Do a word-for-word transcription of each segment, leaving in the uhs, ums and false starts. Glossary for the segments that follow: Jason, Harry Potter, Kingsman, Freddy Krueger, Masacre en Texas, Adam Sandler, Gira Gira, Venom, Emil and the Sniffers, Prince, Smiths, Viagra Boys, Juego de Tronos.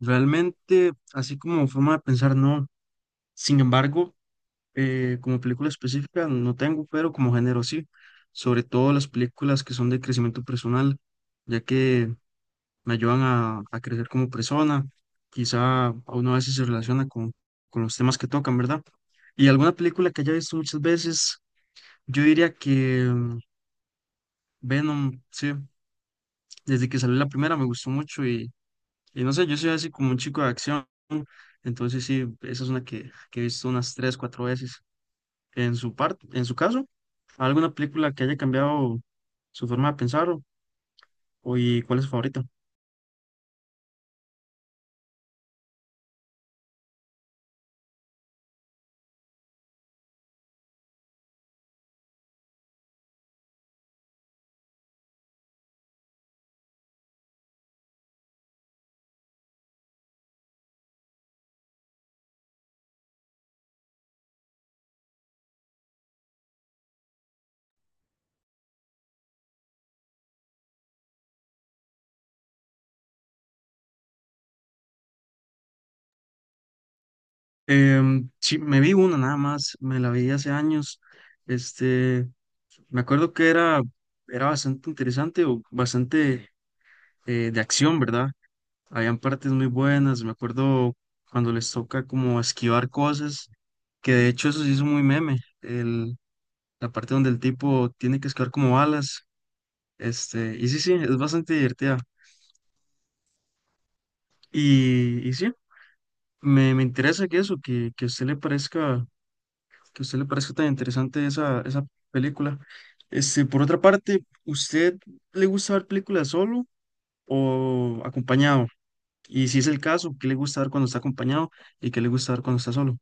Realmente, así como forma de pensar, no. Sin embargo, eh, como película específica no tengo, pero como género sí. Sobre todo las películas que son de crecimiento personal, ya que me ayudan a, a crecer como persona. Quizá a uno a veces se relaciona con, con los temas que tocan, ¿verdad? Y alguna película que haya visto muchas veces, yo diría que mm, Venom, sí. Desde que salió la primera me gustó mucho. Y no sé, yo soy así como un chico de acción, entonces sí, esa es una que, que he visto unas tres, cuatro veces. En su parte, en su caso, ¿alguna película que haya cambiado su forma de pensar o, o y cuál es su favorita? Em, sí, me vi una nada más, me la vi hace años, este, me acuerdo que era, era bastante interesante o bastante eh, de acción, ¿verdad? Habían partes muy buenas, me acuerdo cuando les toca como esquivar cosas, que de hecho eso sí es muy meme, el, la parte donde el tipo tiene que esquivar como balas, este, y sí, sí, es bastante divertida. Y, y sí, me, me interesa que eso, que, que a usted le parezca, que a usted le parezca tan interesante esa, esa película. Este, por otra parte, ¿usted le gusta ver películas solo o acompañado? Y si es el caso, ¿qué le gusta ver cuando está acompañado y qué le gusta ver cuando está solo?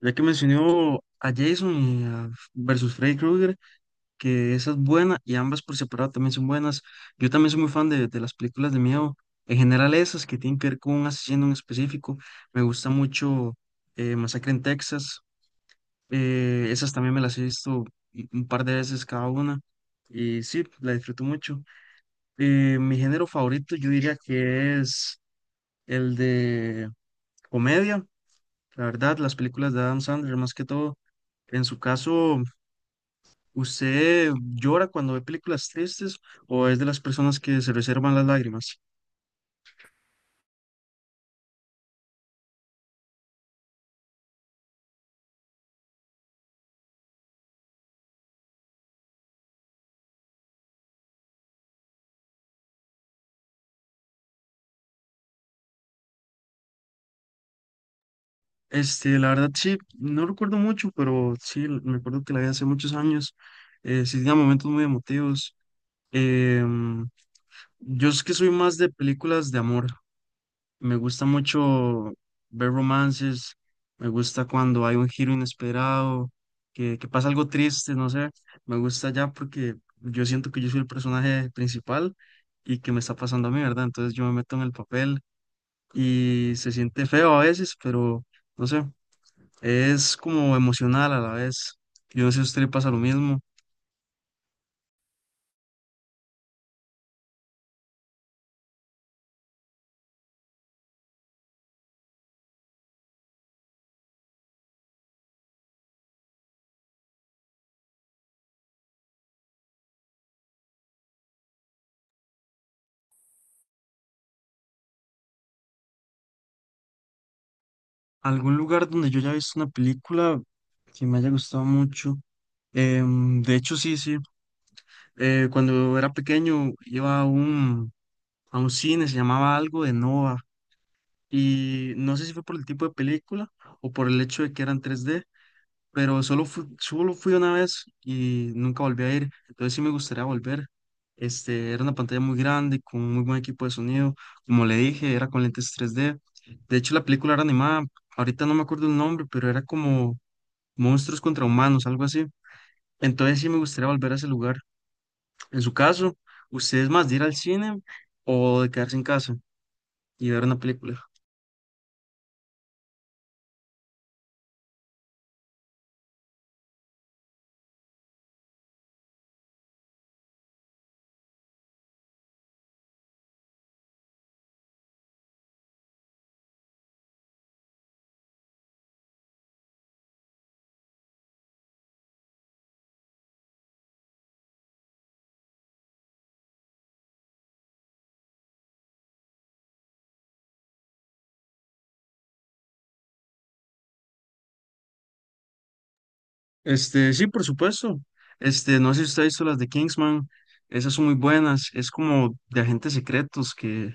Ya que mencionó a Jason y a versus Freddy Krueger, que esa es buena y ambas por separado también son buenas. Yo también soy muy fan de, de las películas de miedo, en general esas que tienen que ver con un asesino en específico. Me gusta mucho eh, Masacre en Texas. Eh, esas también me las he visto y- un par de veces cada una y sí, la disfruto mucho. Eh, mi género favorito yo diría que es el de comedia, la verdad, las películas de Adam Sandler más que todo. En su caso, ¿usted llora cuando ve películas tristes o es de las personas que se reservan las lágrimas? Este, la verdad sí, no recuerdo mucho, pero sí, l- me acuerdo que la vi hace muchos años. Eh, sí, tenía momentos muy emotivos. Em, yo es que soy más de películas de amor. Me gusta mucho ver romances, me gusta cuando hay un giro inesperado, que, que pasa algo triste, no sé, me gusta ya porque yo siento que yo soy el personaje principal y que me está pasando a mí, ¿verdad? Entonces yo me meto en el papel y se siente feo a veces, pero no sé, es como emocional a la vez. Yo no sé si a usted le pasa lo mismo. ¿Algún lugar donde yo haya visto una película que me haya gustado mucho? Em, de hecho, sí, sí. Eh, cuando era pequeño iba a un, a un cine, se llamaba algo de Nova, y no sé si fue por el tipo de película o por el hecho de que eran tres D, pero solo fui, solo fui una vez y nunca volví a ir, entonces sí me gustaría volver. Este, era una pantalla muy grande, con muy buen equipo de sonido, como le dije, era con lentes tres D. De hecho, la película era animada, ahorita no me acuerdo el nombre, pero era como Monstruos contra Humanos, algo así. Entonces sí me gustaría volver a ese lugar. En su caso, ¿usted es más de ir al cine o de quedarse en casa y ver una película? Este, sí, por supuesto. Este, no sé si usted ha visto las de Kingsman, esas son muy buenas, es como de agentes secretos que,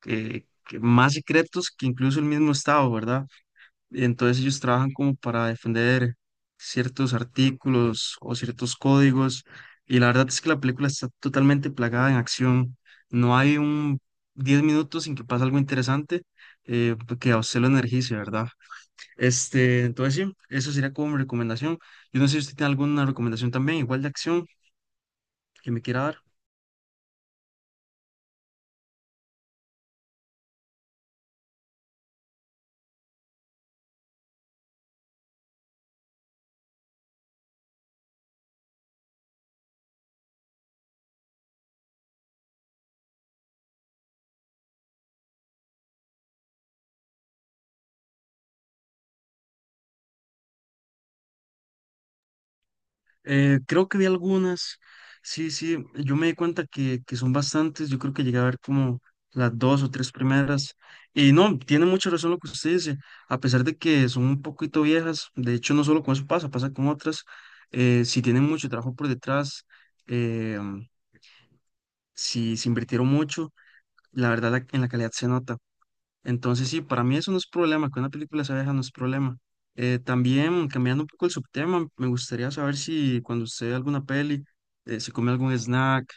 que, que más secretos que incluso el mismo Estado, ¿verdad? Entonces ellos trabajan como para defender ciertos artículos o ciertos códigos. Y la verdad es que la película está totalmente plagada en acción. No hay un diez minutos sin que pase algo interesante eh, que a usted lo energice, ¿verdad? Este, entonces sí, eso sería como mi recomendación. Yo no sé si usted tiene alguna recomendación también, igual de acción, que me quiera dar. Eh, creo que vi algunas. Sí, sí, yo me di cuenta que, que son bastantes. Yo creo que llegué a ver como las dos o tres primeras. Y no, tiene mucha razón lo que usted dice. A pesar de que son un poquito viejas, de hecho, no solo con eso pasa, pasa con otras. Eh, si tienen mucho trabajo por detrás, eh, si se invirtieron mucho, la verdad la- en la calidad se nota. Entonces, sí, para mí eso no es problema, que una película sea vieja no es problema. Eh, también, cambiando un poco el subtema, me gustaría saber si cuando usted ve alguna peli, eh, se come algún snack,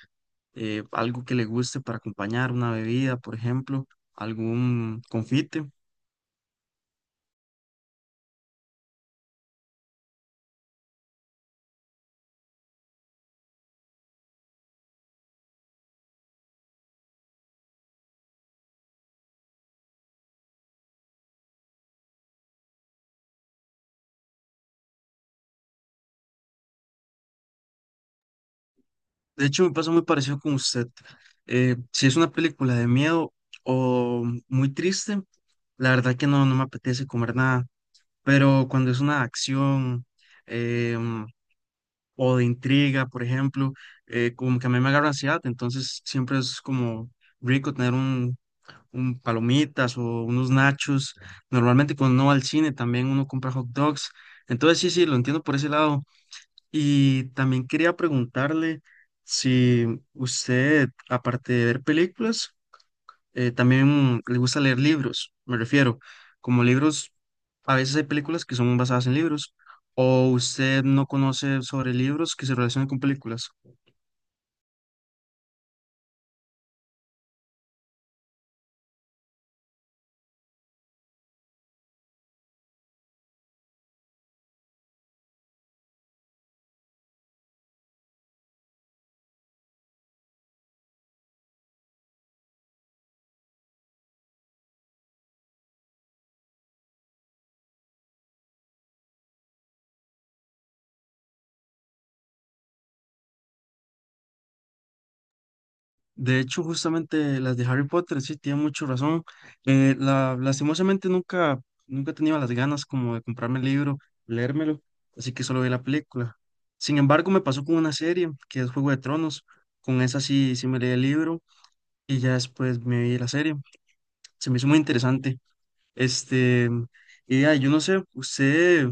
eh, algo que le guste para acompañar, una bebida, por ejemplo, algún confite. De hecho, me pasa muy parecido con usted. Eh, si es una película de miedo o muy triste, la verdad que no, no me apetece comer nada, pero cuando es una acción, eh, o de intriga, por ejemplo, eh, como que a mí me agarra ansiedad, entonces siempre es como rico tener un, un palomitas o unos nachos. Normalmente cuando uno va al cine también uno compra hot dogs. Entonces sí, sí, lo entiendo por ese lado. Y también quería preguntarle si usted, aparte de ver películas, eh, también le gusta leer libros, me refiero, como libros, a veces hay películas que son basadas en libros, o usted no conoce sobre libros que se relacionan con películas. De hecho, justamente las de Harry Potter, sí, tiene mucho razón. Eh, la, lastimosamente nunca, nunca he tenido las ganas como de comprarme el libro, leérmelo, así que solo vi la película. Sin embargo, me pasó con una serie, que es Juego de Tronos. Con esa sí, sí me leí el libro y ya después me vi la serie. Se me hizo muy interesante. Este, y ah, yo no sé, usted,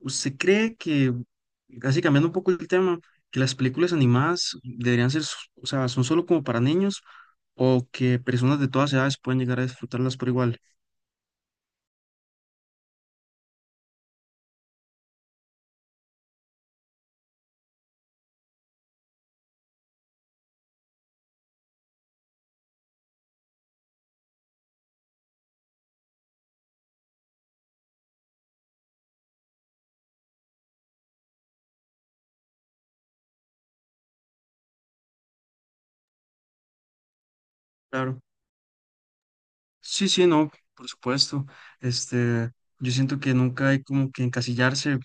usted cree que, casi cambiando un poco el tema, que las películas animadas deberían ser, s- o sea, son solo como para niños o que personas de todas edades pueden llegar a disfrutarlas por igual. Claro. Sí, sí, no, por supuesto. Este, yo siento que nunca hay como que encasillarse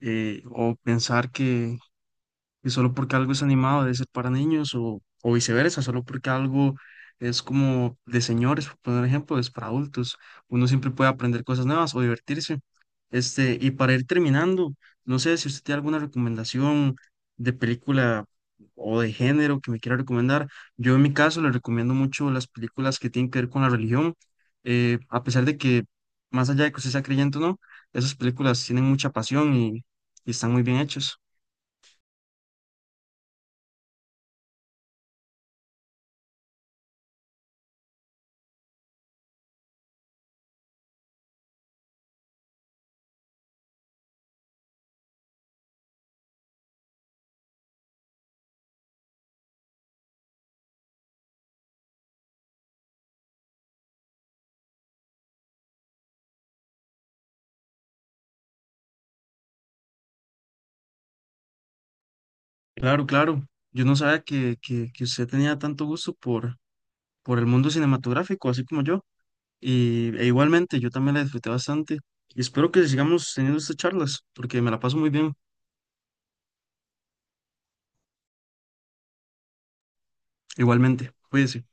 eh, o pensar que y solo porque algo es animado debe ser para niños o, o viceversa, solo porque algo es como de señores, por poner ejemplo, es para adultos. Uno siempre puede aprender cosas nuevas o divertirse. Este, y para ir terminando, no sé si usted tiene alguna recomendación de película o de género que me quiera recomendar. Yo en mi caso le recomiendo mucho las películas que tienen que ver con la religión, eh, a pesar de que más allá de que usted sea creyente o no, esas películas tienen mucha pasión y, y están muy bien hechas. Claro, claro. Yo no sabía que, que, que usted tenía tanto gusto por, por el mundo cinematográfico, así como yo. Y, e igualmente, yo también la disfruté bastante. Y espero que sigamos teniendo estas charlas, porque me la paso muy bien. Igualmente, cuídese.